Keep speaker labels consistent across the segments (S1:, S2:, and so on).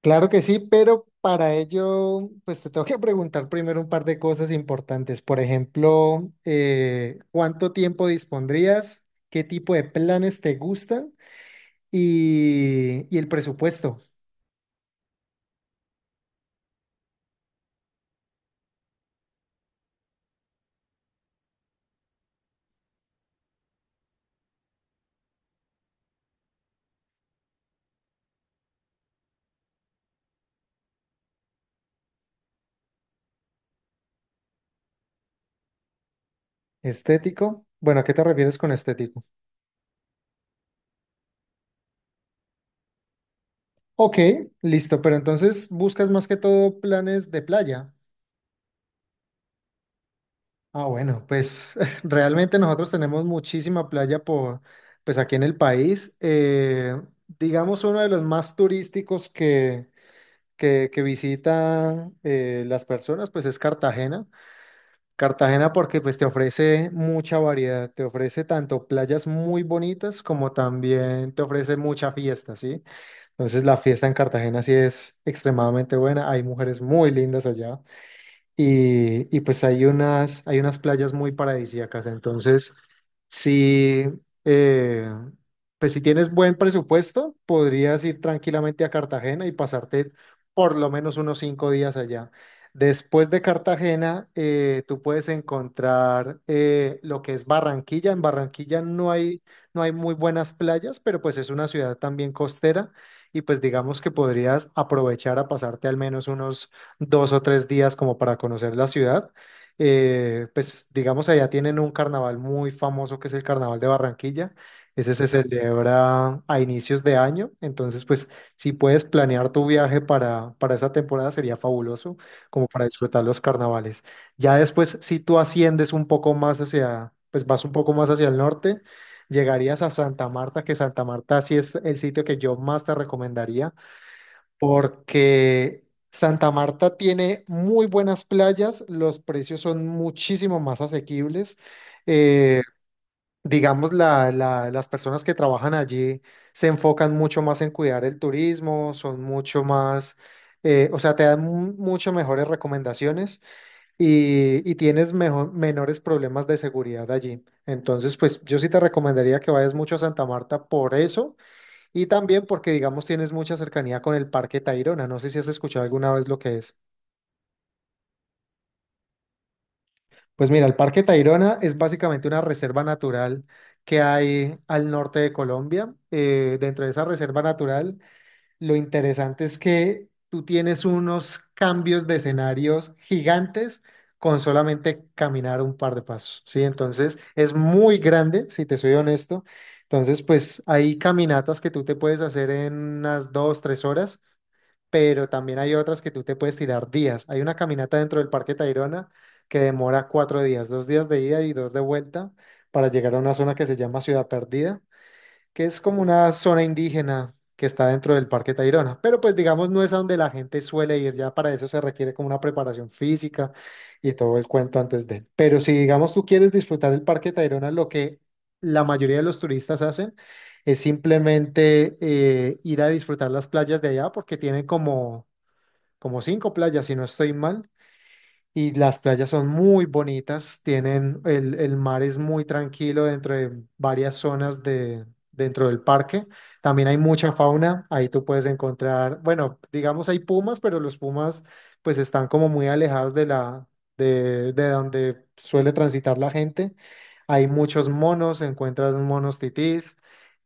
S1: Claro que sí, pero para ello, pues te tengo que preguntar primero un par de cosas importantes. Por ejemplo, ¿cuánto tiempo dispondrías? ¿Qué tipo de planes te gustan? Y el presupuesto estético. Bueno, ¿a qué te refieres con estético? Ok, listo, pero entonces buscas más que todo planes de playa. Ah, bueno, pues realmente nosotros tenemos muchísima playa por, pues aquí en el país. Digamos uno de los más turísticos que visita las personas, pues es Cartagena. Cartagena porque pues te ofrece mucha variedad, te ofrece tanto playas muy bonitas como también te ofrece mucha fiesta, ¿sí? Entonces la fiesta en Cartagena sí es extremadamente buena, hay mujeres muy lindas allá y pues hay unas playas muy paradisíacas. Entonces, si, eh, pues si tienes buen presupuesto, podrías ir tranquilamente a Cartagena y pasarte por lo menos unos 5 días allá. Después de Cartagena, tú puedes encontrar lo que es Barranquilla. En Barranquilla no hay muy buenas playas, pero pues es una ciudad también costera y pues digamos que podrías aprovechar a pasarte al menos unos 2 o 3 días como para conocer la ciudad. Pues digamos, allá tienen un carnaval muy famoso que es el Carnaval de Barranquilla. Ese se celebra a inicios de año. Entonces, pues si puedes planear tu viaje para esa temporada sería fabuloso, como para disfrutar los carnavales. Ya después, si tú asciendes un poco más hacia, pues vas un poco más hacia el norte. Llegarías a Santa Marta, que Santa Marta sí es el sitio que yo más te recomendaría porque Santa Marta tiene muy buenas playas, los precios son muchísimo más asequibles. eh, digamos, las personas que trabajan allí se enfocan mucho más en cuidar el turismo, son mucho más, o sea, te dan mucho mejores recomendaciones y tienes menores problemas de seguridad allí. Entonces, pues yo sí te recomendaría que vayas mucho a Santa Marta por eso y también porque, digamos, tienes mucha cercanía con el Parque Tayrona. No sé si has escuchado alguna vez lo que es. Pues mira, el Parque Tayrona es básicamente una reserva natural que hay al norte de Colombia. Dentro de esa reserva natural, lo interesante es que tú tienes unos cambios de escenarios gigantes con solamente caminar un par de pasos, ¿sí? Entonces, es muy grande, si te soy honesto. Entonces, pues hay caminatas que tú te puedes hacer en unas 2, 3 horas, pero también hay otras que tú te puedes tirar días. Hay una caminata dentro del Parque Tayrona que demora 4 días, 2 días de ida y dos de vuelta para llegar a una zona que se llama Ciudad Perdida, que es como una zona indígena que está dentro del Parque Tayrona, pero pues digamos no es a donde la gente suele ir, ya para eso se requiere como una preparación física y todo el cuento antes de. Pero si digamos tú quieres disfrutar el Parque Tayrona, lo que la mayoría de los turistas hacen es simplemente ir a disfrutar las playas de allá porque tienen como 5 playas, si no estoy mal, y las playas son muy bonitas, tienen, el mar es muy tranquilo dentro de varias zonas dentro del parque. También hay mucha fauna, ahí tú puedes encontrar, bueno, digamos hay pumas, pero los pumas pues están como muy alejados de donde suele transitar la gente. Hay muchos monos, encuentras monos titís,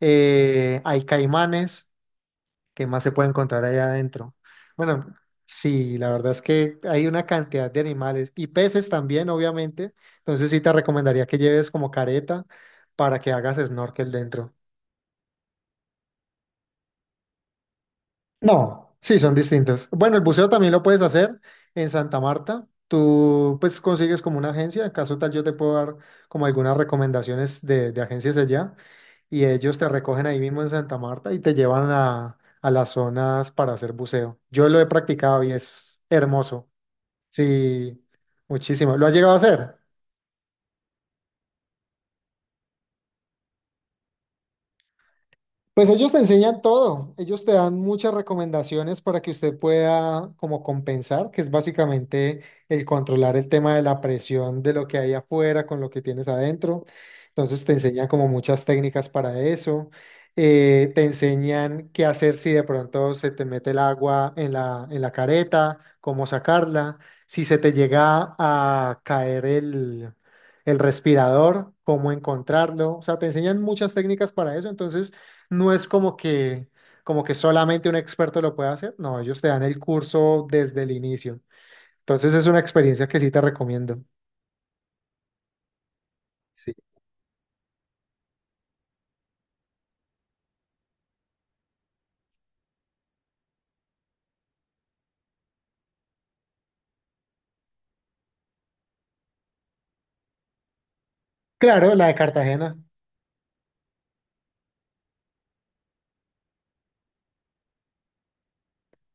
S1: hay caimanes. ¿Qué más se puede encontrar allá adentro? Bueno, sí, la verdad es que hay una cantidad de animales y peces también, obviamente. Entonces sí te recomendaría que lleves como careta para que hagas snorkel dentro. No, sí, son distintos. Bueno, el buceo también lo puedes hacer en Santa Marta. Tú pues consigues como una agencia, en caso tal yo te puedo dar como algunas recomendaciones de agencias allá y ellos te recogen ahí mismo en Santa Marta y te llevan a las zonas para hacer buceo. Yo lo he practicado y es hermoso. Sí, muchísimo. ¿Lo has llegado a hacer? Pues ellos te enseñan todo, ellos te dan muchas recomendaciones para que usted pueda como compensar, que es básicamente el controlar el tema de la presión de lo que hay afuera con lo que tienes adentro. Entonces te enseñan como muchas técnicas para eso. Te enseñan qué hacer si de pronto se te mete el agua en la careta, cómo sacarla, si se te llega a caer el respirador, cómo encontrarlo. O sea, te enseñan muchas técnicas para eso. Entonces... No es como que solamente un experto lo puede hacer. No, ellos te dan el curso desde el inicio. Entonces es una experiencia que sí te recomiendo. Sí. Claro, la de Cartagena.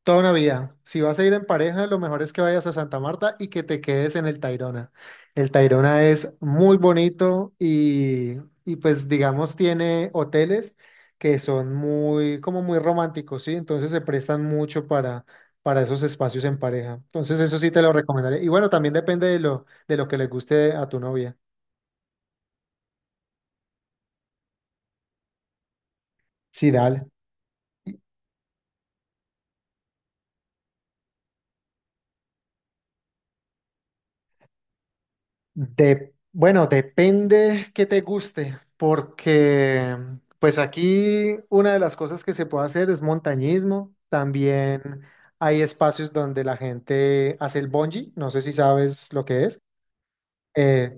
S1: Toda una vida. Si vas a ir en pareja, lo mejor es que vayas a Santa Marta y que te quedes en el Tayrona. El Tayrona es muy bonito y pues digamos tiene hoteles que son muy, como muy románticos, ¿sí? Entonces se prestan mucho para esos espacios en pareja. Entonces eso sí te lo recomendaré. Y bueno, también depende de lo que le guste a tu novia. Sí, dale. De, bueno, depende que te guste, porque pues aquí una de las cosas que se puede hacer es montañismo. También hay espacios donde la gente hace el bungee, no sé si sabes lo que es. Eh,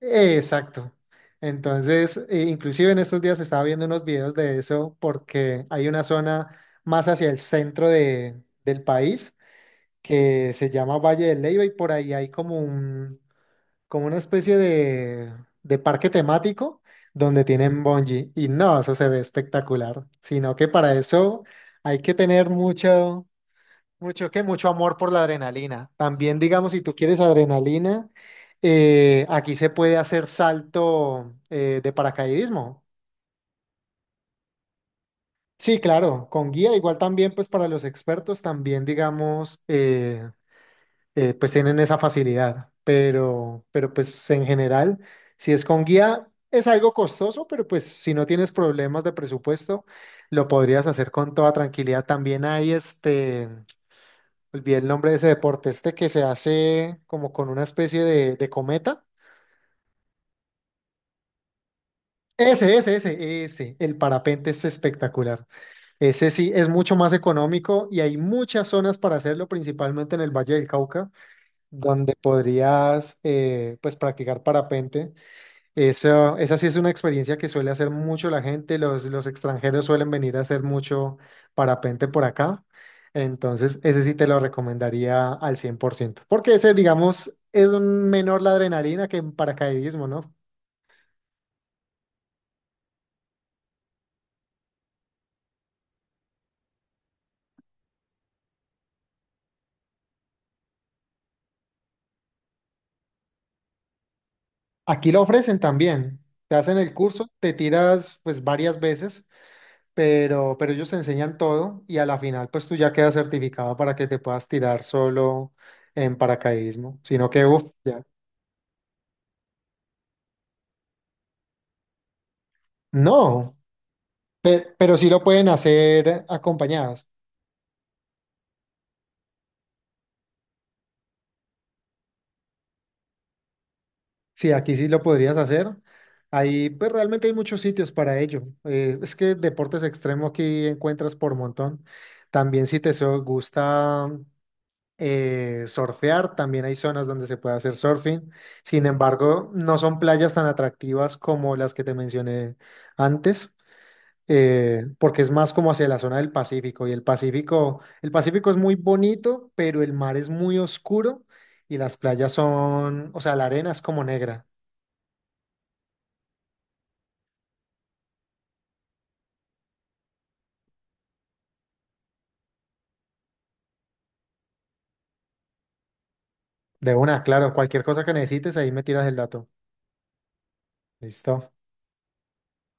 S1: exacto. Entonces, inclusive en estos días estaba viendo unos videos de eso porque hay una zona más hacia el centro del país que se llama Valle del Leyva y por ahí hay como una especie de parque temático donde tienen bungee y no, eso se ve espectacular, sino que para eso hay que tener mucho que mucho amor por la adrenalina. También digamos, si tú quieres adrenalina, aquí se puede hacer salto de paracaidismo. Sí, claro, con guía, igual también pues para los expertos también digamos, pues tienen esa facilidad, pero pues en general, si es con guía, es algo costoso, pero pues si no tienes problemas de presupuesto, lo podrías hacer con toda tranquilidad. También hay este, olvidé el nombre de ese deporte, este que se hace como con una especie de cometa. El parapente es espectacular. Ese sí es mucho más económico y hay muchas zonas para hacerlo, principalmente en el Valle del Cauca, donde podrías pues practicar parapente. Eso, esa sí es una experiencia que suele hacer mucho la gente. Los extranjeros suelen venir a hacer mucho parapente por acá. Entonces, ese sí te lo recomendaría al 100%. Porque ese, digamos, es un menor la adrenalina que en paracaidismo, ¿no? Aquí lo ofrecen también. Te hacen el curso, te tiras pues varias veces, pero ellos te enseñan todo y a la final pues tú ya quedas certificado para que te puedas tirar solo en paracaidismo. Sino que, uff, ya. No. Pero, sí lo pueden hacer acompañadas. Sí, aquí sí lo podrías hacer. Ahí, pues realmente hay muchos sitios para ello. Es que deportes extremos aquí encuentras por montón. También si gusta surfear, también hay zonas donde se puede hacer surfing. Sin embargo, no son playas tan atractivas como las que te mencioné antes. Porque es más como hacia la zona del Pacífico y el Pacífico es muy bonito, pero el mar es muy oscuro y las playas son, o sea, la arena es como negra. De una, claro, cualquier cosa que necesites, ahí me tiras el dato. Listo.